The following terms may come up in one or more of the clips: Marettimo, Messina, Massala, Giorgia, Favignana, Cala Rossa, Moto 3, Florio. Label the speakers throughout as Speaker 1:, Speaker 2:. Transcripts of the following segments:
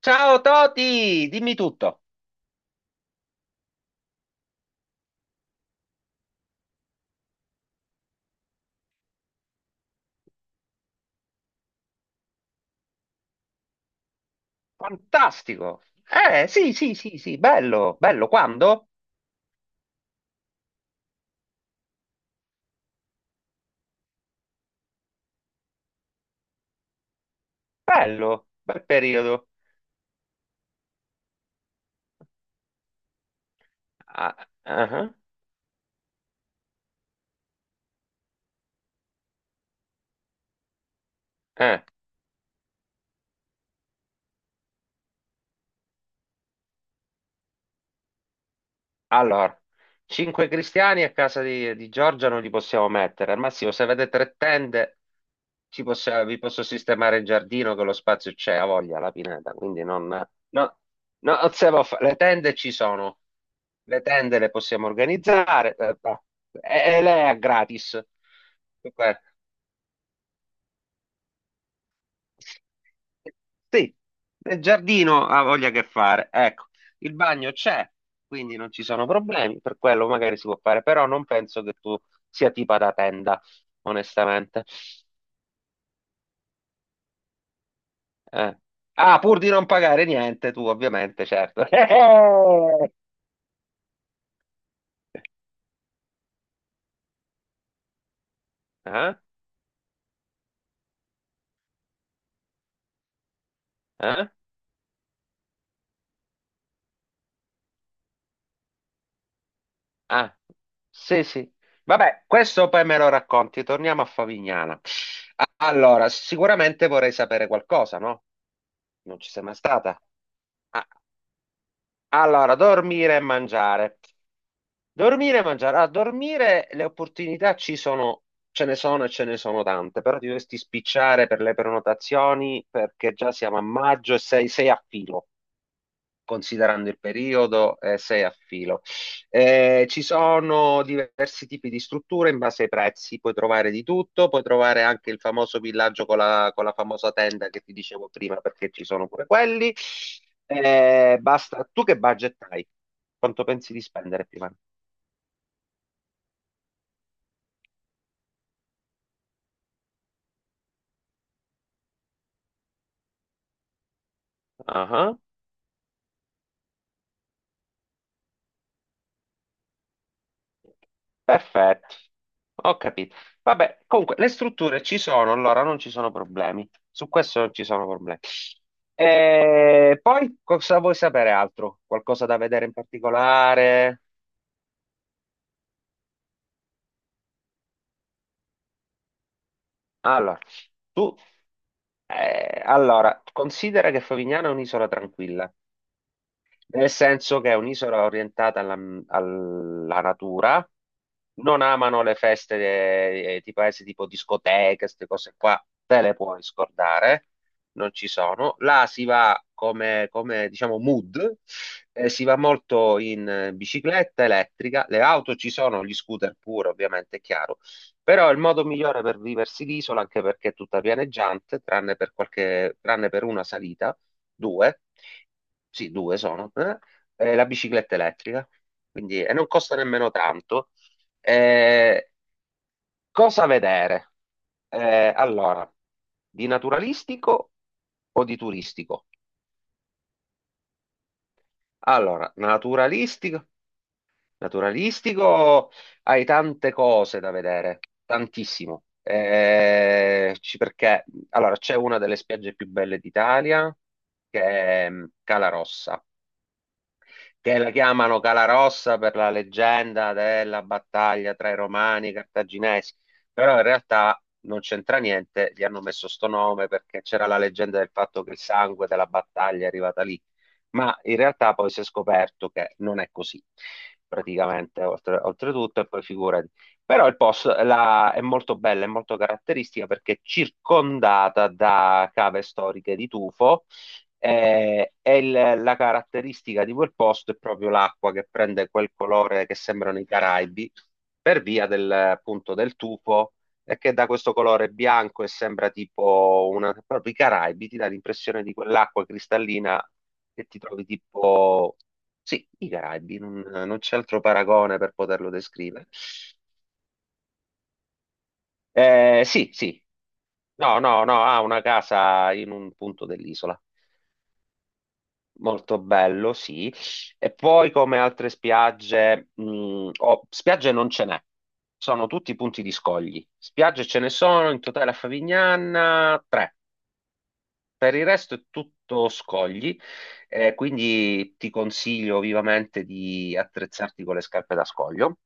Speaker 1: Ciao Toti, dimmi tutto. Fantastico. Sì, sì, sì, sì, bello, bello. Quando? Bello, bel periodo. Ah, ah, ah. Eh. Allora, cinque cristiani a casa di Giorgia non li possiamo mettere. Al massimo, se avete tre tende, vi posso sistemare il giardino che lo spazio c'è, a voglia, la pineta. Quindi non, no, no, non siamo fa- le tende ci sono. Le tende le possiamo organizzare. E lei è gratis. Sì, il giardino ha voglia che fare. Ecco, il bagno c'è, quindi non ci sono problemi, per quello magari si può fare, però non penso che tu sia tipa da tenda, onestamente. Eh. Ah, pur di non pagare niente, tu ovviamente, certo. Eh? Eh? Ah, sì, sì. Vabbè, questo poi me lo racconti, torniamo a Favignana. Allora, sicuramente vorrei sapere qualcosa, no? Non ci sei mai stata. Ah. Allora, dormire e mangiare. Dormire e mangiare. A dormire le opportunità ci sono, ce ne sono e ce ne sono tante, però ti dovresti spicciare per le prenotazioni perché già siamo a maggio e sei a filo considerando il periodo, sei a filo. Ci sono diversi tipi di strutture in base ai prezzi, puoi trovare di tutto, puoi trovare anche il famoso villaggio con la famosa tenda che ti dicevo prima, perché ci sono pure quelli. Basta, tu che budget hai? Quanto pensi di spendere prima? Ah, ah. Perfetto, ho capito. Vabbè, comunque le strutture ci sono, allora non ci sono problemi. Su questo non ci sono problemi. E poi cosa vuoi sapere altro? Qualcosa da vedere in particolare? Allora, tu, allora, considera che Favignana è un'isola tranquilla. Nel senso che è un'isola orientata alla natura, non amano le feste tipo discoteche, queste cose qua, te le puoi scordare, non ci sono. Là si va come, diciamo mood, si va molto in bicicletta elettrica, le auto ci sono, gli scooter pure, ovviamente, è chiaro. Però il modo migliore per viversi l'isola, anche perché è tutta pianeggiante, tranne per una salita, due, sì, due sono, e la bicicletta elettrica, quindi, e non costa nemmeno tanto. Eh, cosa vedere? Allora, di naturalistico o di turistico? Allora, naturalistico, naturalistico hai tante cose da vedere, tantissimo. Perché allora c'è una delle spiagge più belle d'Italia che è Cala Rossa, che la chiamano Calarossa per la leggenda della battaglia tra i romani e i cartaginesi, però in realtà non c'entra niente, gli hanno messo sto nome perché c'era la leggenda del fatto che il sangue della battaglia è arrivata lì, ma in realtà poi si è scoperto che non è così, praticamente, oltretutto, e poi figurati. Però il posto è molto bella, è molto caratteristica perché è circondata da cave storiche di tufo, e la caratteristica di quel posto è proprio l'acqua che prende quel colore che sembrano i Caraibi per via del, appunto, del tufo e che da questo colore bianco e sembra tipo una, proprio i Caraibi, ti dà l'impressione di quell'acqua cristallina che ti trovi tipo, sì, i Caraibi, non c'è altro paragone per poterlo descrivere. Sì, sì, no, no, no, ha una casa in un punto dell'isola. Molto bello, sì. E poi come altre spiagge, oh, spiagge non ce n'è, sono tutti punti di scogli. Spiagge ce ne sono in totale a Favignana tre, per il resto è tutto scogli, quindi ti consiglio vivamente di attrezzarti con le scarpe da scoglio.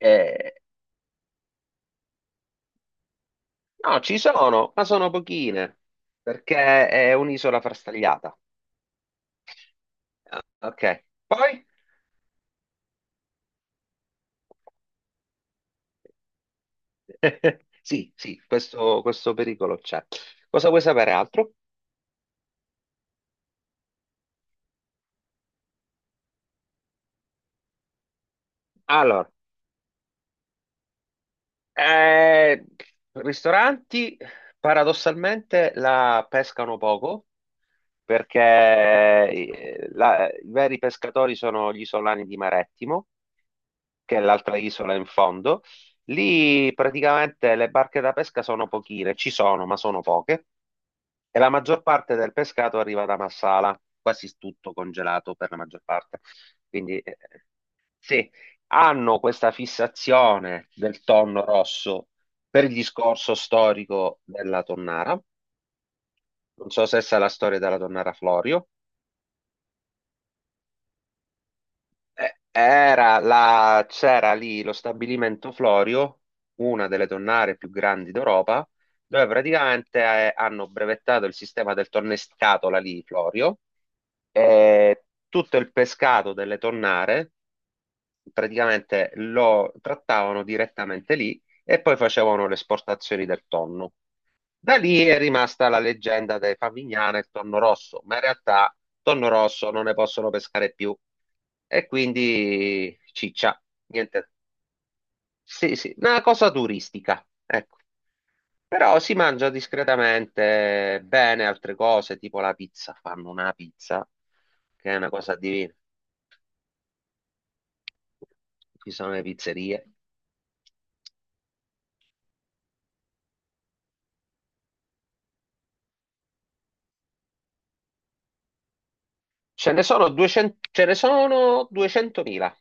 Speaker 1: Eh, no, ci sono, ma sono pochine, perché è un'isola frastagliata. Ah, ok, poi? Sì, sì, questo pericolo c'è. Cosa vuoi sapere altro? Allora, eh, ristoranti paradossalmente la pescano poco perché i veri pescatori sono gli isolani di Marettimo, che è l'altra isola in fondo. Lì praticamente le barche da pesca sono pochine, ci sono, ma sono poche. E la maggior parte del pescato arriva da Massala, quasi tutto congelato per la maggior parte. Quindi sì, hanno questa fissazione del tonno rosso per il discorso storico della tonnara. Non so se sa la storia della tonnara Florio. C'era lì lo stabilimento Florio, una delle tonnare più grandi d'Europa, dove praticamente hanno brevettato il sistema del tornescatola lì, Florio, e tutto il pescato delle tonnare praticamente lo trattavano direttamente lì e poi facevano le esportazioni del tonno. Da lì è rimasta la leggenda dei Favignana e il tonno rosso, ma in realtà tonno rosso non ne possono pescare più. E quindi ciccia, niente. Sì, sì, una cosa turistica, ecco. Però si mangia discretamente bene altre cose, tipo la pizza. Fanno una pizza che è una cosa divina. Ci sono le pizzerie. Ce ne sono 200, ce ne sono 200.000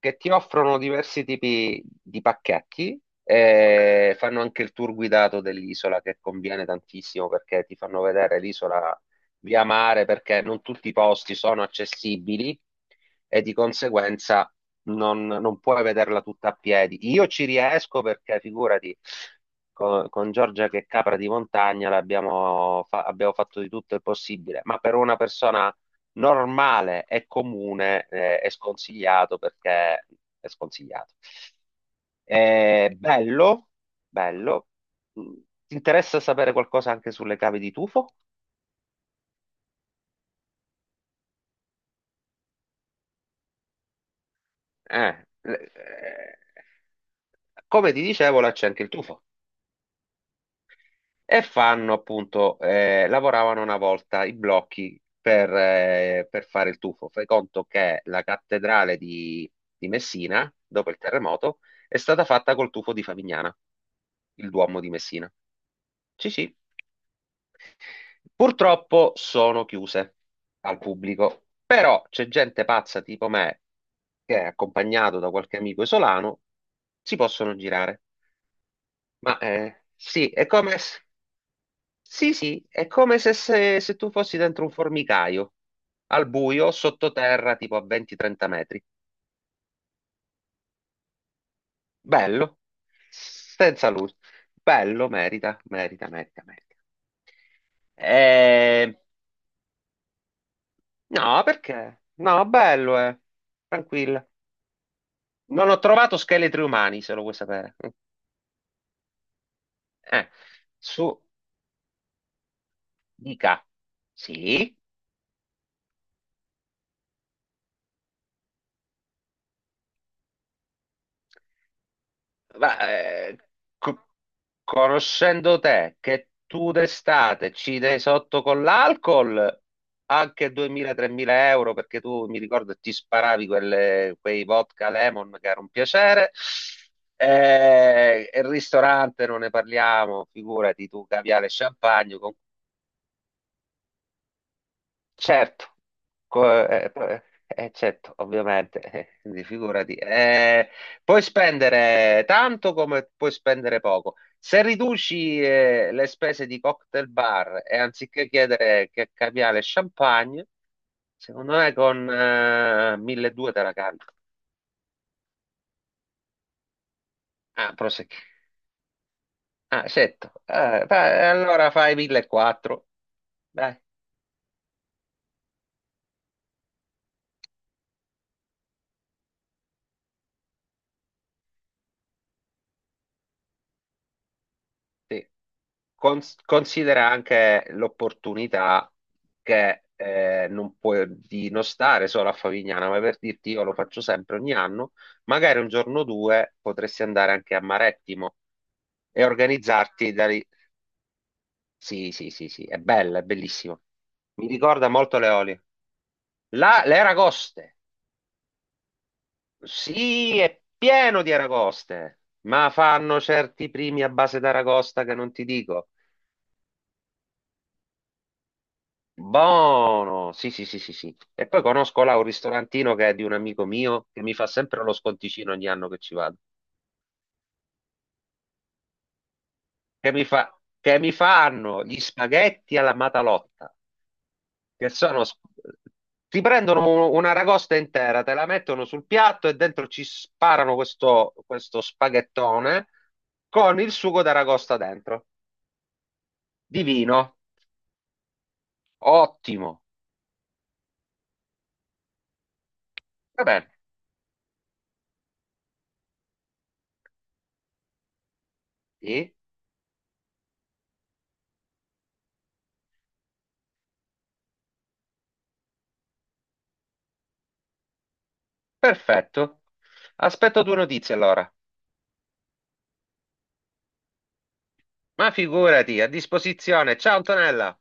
Speaker 1: che ti offrono diversi tipi di pacchetti e fanno anche il tour guidato dell'isola che conviene tantissimo perché ti fanno vedere l'isola via mare perché non tutti i posti sono accessibili e di conseguenza non puoi vederla tutta a piedi. Io ci riesco perché figurati, con, Giorgia che è capra di montagna abbiamo fatto di tutto il possibile, ma per una persona normale e comune è sconsigliato perché è sconsigliato. È bello, bello. Mm, Ti interessa sapere qualcosa anche sulle cave di tufo? Eh, le- eh, come ti dicevo, là c'è anche il tufo. E fanno appunto, lavoravano una volta i blocchi per fare il tuffo. Fai conto che la cattedrale di Messina, dopo il terremoto, è stata fatta col tuffo di Favignana, il Duomo di Messina. Sì, sì. Purtroppo sono chiuse al pubblico, però c'è gente pazza tipo me, che è accompagnato da qualche amico isolano, si possono girare. Ma sì, è come... Sì, sì, è come se tu fossi dentro un formicaio, al buio, sottoterra, tipo a 20-30 metri. Bello, senza luce. Bello, merita, merita, merita, merita. Eh, No, perché? No, bello, eh. Tranquilla. Non ho trovato scheletri umani, se lo vuoi sapere. Eh, Su, dica. Sì. Ma, co- conoscendo te, che tu d'estate ci dai sotto con l'alcol anche 2.000-3.000 euro, perché tu mi ricordo ti sparavi quei vodka lemon che era un piacere, e il ristorante non ne parliamo, figurati tu, caviale e champagne con. Certo. Co- eh, eh, certo, ovviamente, quindi figurati. Puoi spendere tanto come puoi spendere poco. Se riduci, le spese di cocktail bar e anziché chiedere che caviale e champagne, secondo me con 1200 te la cavi. Ah, prosecchi. Ah, certo. Ah, allora fai 1400. Dai. Sì. Considera anche l'opportunità che non puoi di non stare solo a Favignana, ma per dirti io lo faccio sempre ogni anno, magari un giorno o due potresti andare anche a Marettimo e organizzarti da lì. Sì, sì, sì, sì, è bella, è bellissima. Mi ricorda molto le olie. Le aragoste, sì, è pieno di aragoste, ma fanno certi primi a base d'aragosta che non ti dico. Buono, sì, sì, sì, sì, sì. E poi conosco là un ristorantino che è di un amico mio che mi fa sempre lo sconticino ogni anno che ci vado. Che mi fanno gli spaghetti alla matalotta, che sono Ti prendono una ragosta intera, te la mettono sul piatto e dentro ci sparano questo spaghettone con il sugo d'aragosta dentro. Divino, ottimo. Va bene, sì, perfetto. Aspetto tue notizie allora. Ma figurati, a disposizione. Ciao Antonella!